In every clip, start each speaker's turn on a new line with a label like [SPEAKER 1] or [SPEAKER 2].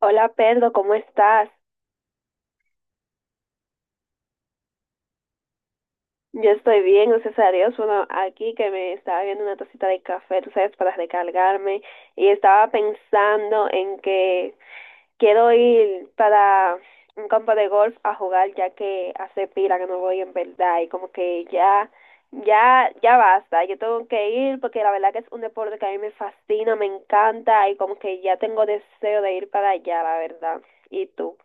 [SPEAKER 1] Hola Pedro, ¿cómo estás? Yo estoy bien, gracias a Dios. Bueno, aquí que me estaba viendo una tacita de café, tú sabes, para recargarme y estaba pensando en que quiero ir para un campo de golf a jugar ya que hace pila que no voy en verdad y como que ya, ya, ya basta. Yo tengo que ir porque la verdad que es un deporte que a mí me fascina, me encanta y como que ya tengo deseo de ir para allá, la verdad. ¿Y tú?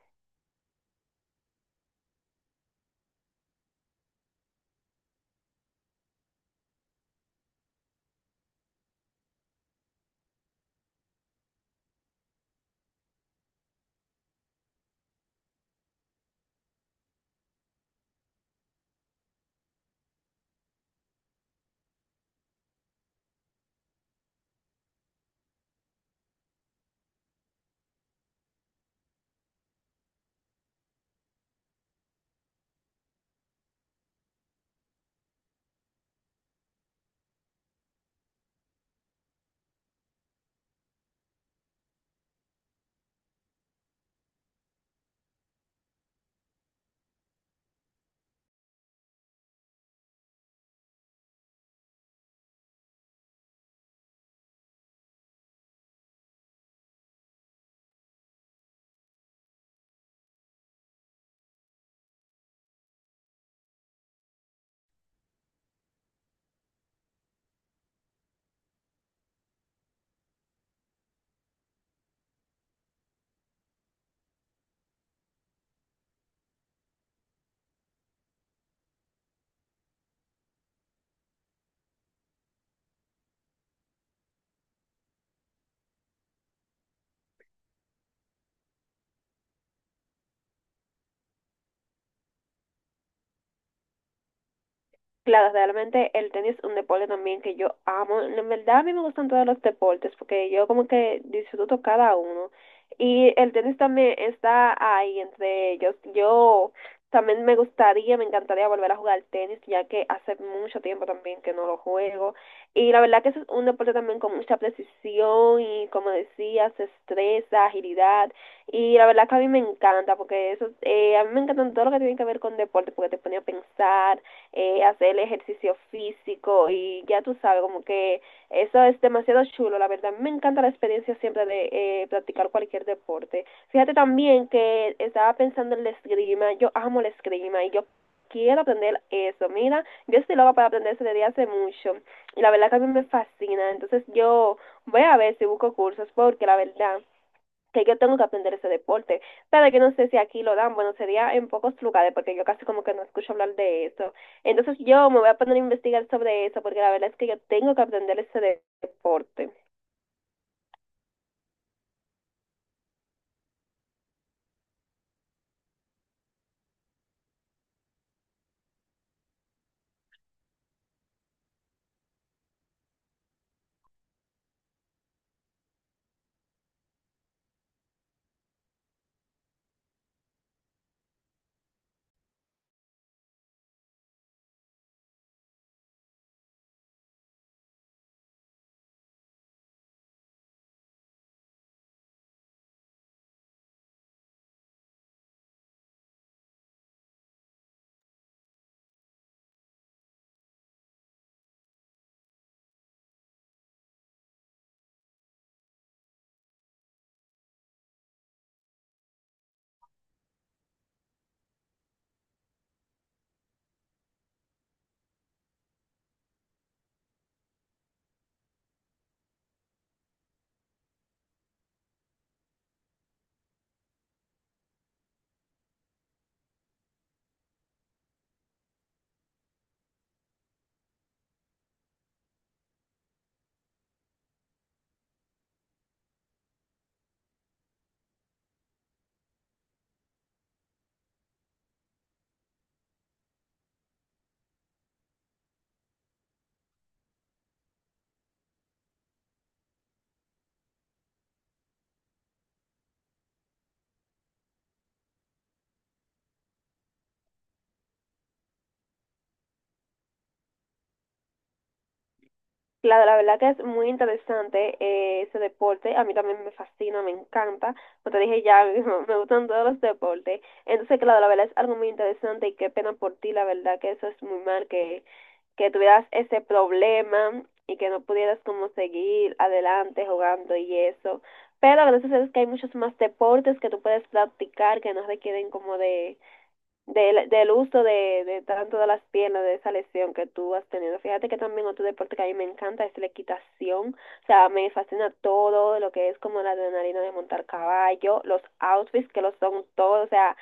[SPEAKER 1] Claro, realmente el tenis es un deporte también que yo amo. En verdad a mí me gustan todos los deportes porque yo como que disfruto cada uno. Y el tenis también está ahí entre ellos. Yo también me gustaría, me encantaría volver a jugar tenis ya que hace mucho tiempo también que no lo juego. Y la verdad que es un deporte también con mucha precisión y como decías, destreza, agilidad. Y la verdad que a mí me encanta porque eso, a mí me encantan todo lo que tiene que ver con deporte porque te pone a pensar hacer el ejercicio físico y ya tú sabes, como que eso es demasiado chulo, la verdad. Me encanta la experiencia siempre de practicar cualquier deporte. Fíjate también que estaba pensando en la esgrima, yo amo la esgrima y yo quiero aprender eso. Mira, yo estoy loca para aprender eso desde hace mucho y la verdad que a mí me fascina. Entonces yo voy a ver si busco cursos porque la verdad que yo tengo que aprender ese deporte. Sabe que no sé si aquí lo dan, bueno, sería en pocos lugares porque yo casi como que no escucho hablar de eso. Entonces yo me voy a poner a investigar sobre eso porque la verdad es que yo tengo que aprender deporte. Claro, la verdad que es muy interesante ese deporte. A mí también me fascina, me encanta. Como te dije ya, me gustan todos los deportes. Entonces, claro, la verdad es algo muy interesante y qué pena por ti, la verdad que eso es muy mal, que tuvieras ese problema y que no pudieras como seguir adelante jugando y eso. Pero gracias a Dios que hay muchos más deportes que tú puedes practicar que no requieren como de del uso de tanto de las piernas, de esa lesión que tú has tenido. Fíjate que también otro deporte que a mí me encanta es la equitación. O sea, me fascina todo lo que es como la adrenalina de montar caballo, los outfits que lo son todo. O sea,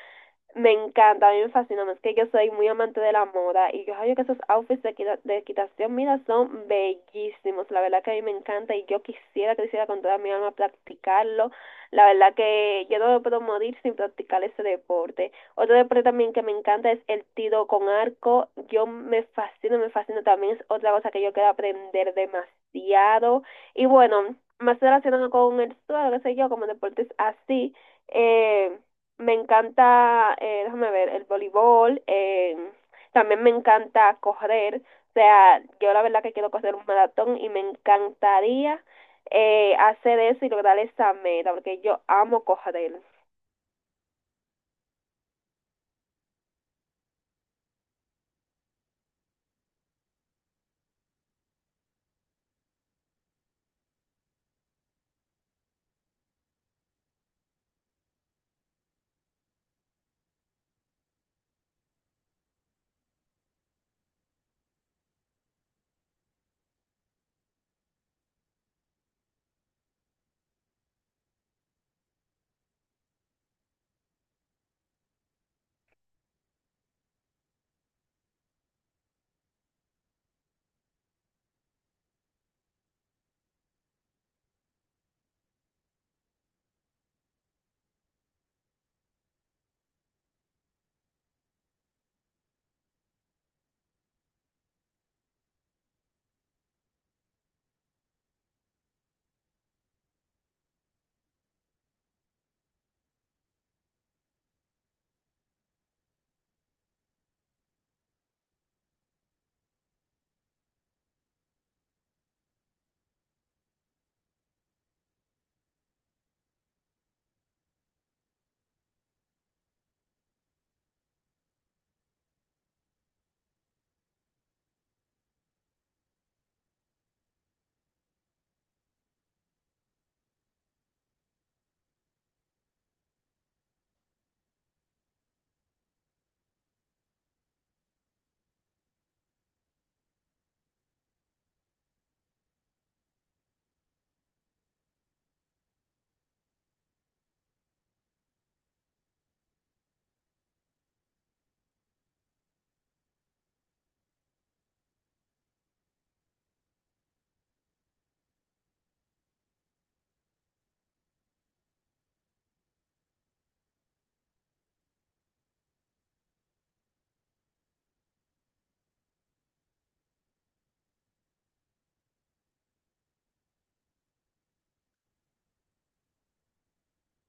[SPEAKER 1] me encanta, a mí me fascina, es que yo soy muy amante de la moda y yo sabía que esos outfits de equitación, mira, son bellísimos, la verdad que a mí me encanta y yo quisiera, quisiera con toda mi alma practicarlo, la verdad que yo no me puedo morir sin practicar ese deporte. Otro deporte también que me encanta es el tiro con arco, yo me fascino también, es otra cosa que yo quiero aprender demasiado y bueno, más relacionado con el suelo, qué sé yo, como deportes así. Eh, Me encanta, déjame ver, el voleibol, también me encanta correr, o sea, yo la verdad que quiero correr un maratón y me encantaría hacer eso y lograr esa meta, porque yo amo correr.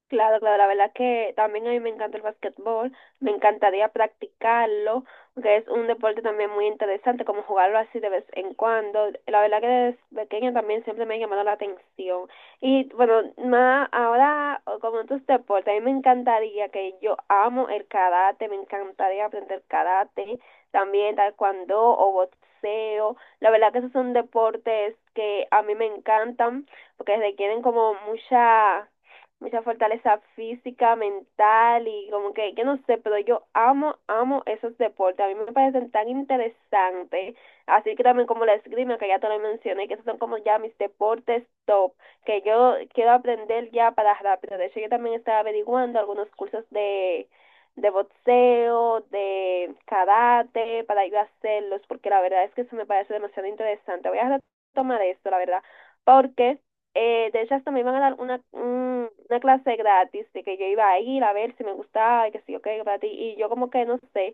[SPEAKER 1] Claro, claro, la verdad que también a mí me encanta el basquetbol, me encantaría practicarlo, porque es un deporte también muy interesante, como jugarlo así de vez en cuando. La verdad que desde pequeña también siempre me ha llamado la atención. Y bueno, más ahora o con otros deportes, a mí me encantaría que yo amo el karate, me encantaría aprender karate, también taekwondo o boxeo. La verdad que esos son deportes que a mí me encantan, porque requieren como mucha mucha fortaleza física, mental y como que, yo no sé, pero yo amo, amo esos deportes. A mí me parecen tan interesantes. Así que también como la esgrima, que ya te lo mencioné, que esos son como ya mis deportes top, que yo quiero aprender ya para rápido. De hecho, yo también estaba averiguando algunos cursos de boxeo, de karate, para ir a hacerlos, porque la verdad es que eso me parece demasiado interesante. Voy a retomar esto, la verdad, porque de hecho, hasta me iban a dar una clase gratis de que yo iba a ir a ver si me gustaba y que sí, ok, para ti. Y yo como que no sé,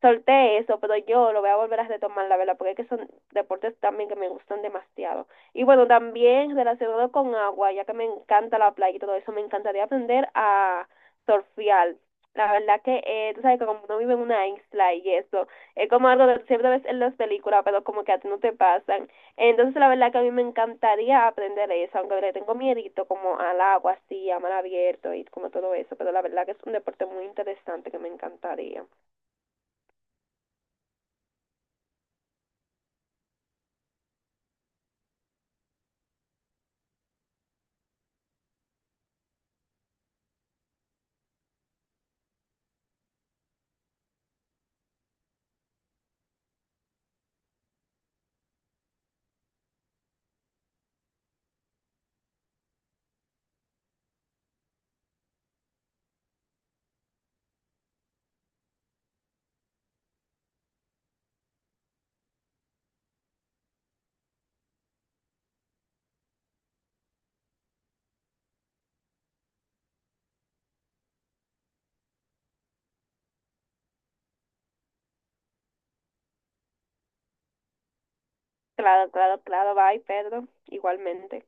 [SPEAKER 1] solté eso, pero yo lo voy a volver a retomar, la verdad, porque es que son deportes también que me gustan demasiado. Y bueno, también relacionado con agua, ya que me encanta la playa y todo eso, me encantaría aprender a surfear. La verdad que, tú sabes que como uno vive en una isla y eso, es como algo que siempre ves en las películas, pero como que a ti no te pasan. Entonces, la verdad que a mí me encantaría aprender eso, aunque le tengo miedito como al agua, así, a mar abierto y como todo eso, pero la verdad que es un deporte muy interesante que me encantaría. Claro, claro, claro, bye, Pedro, igualmente.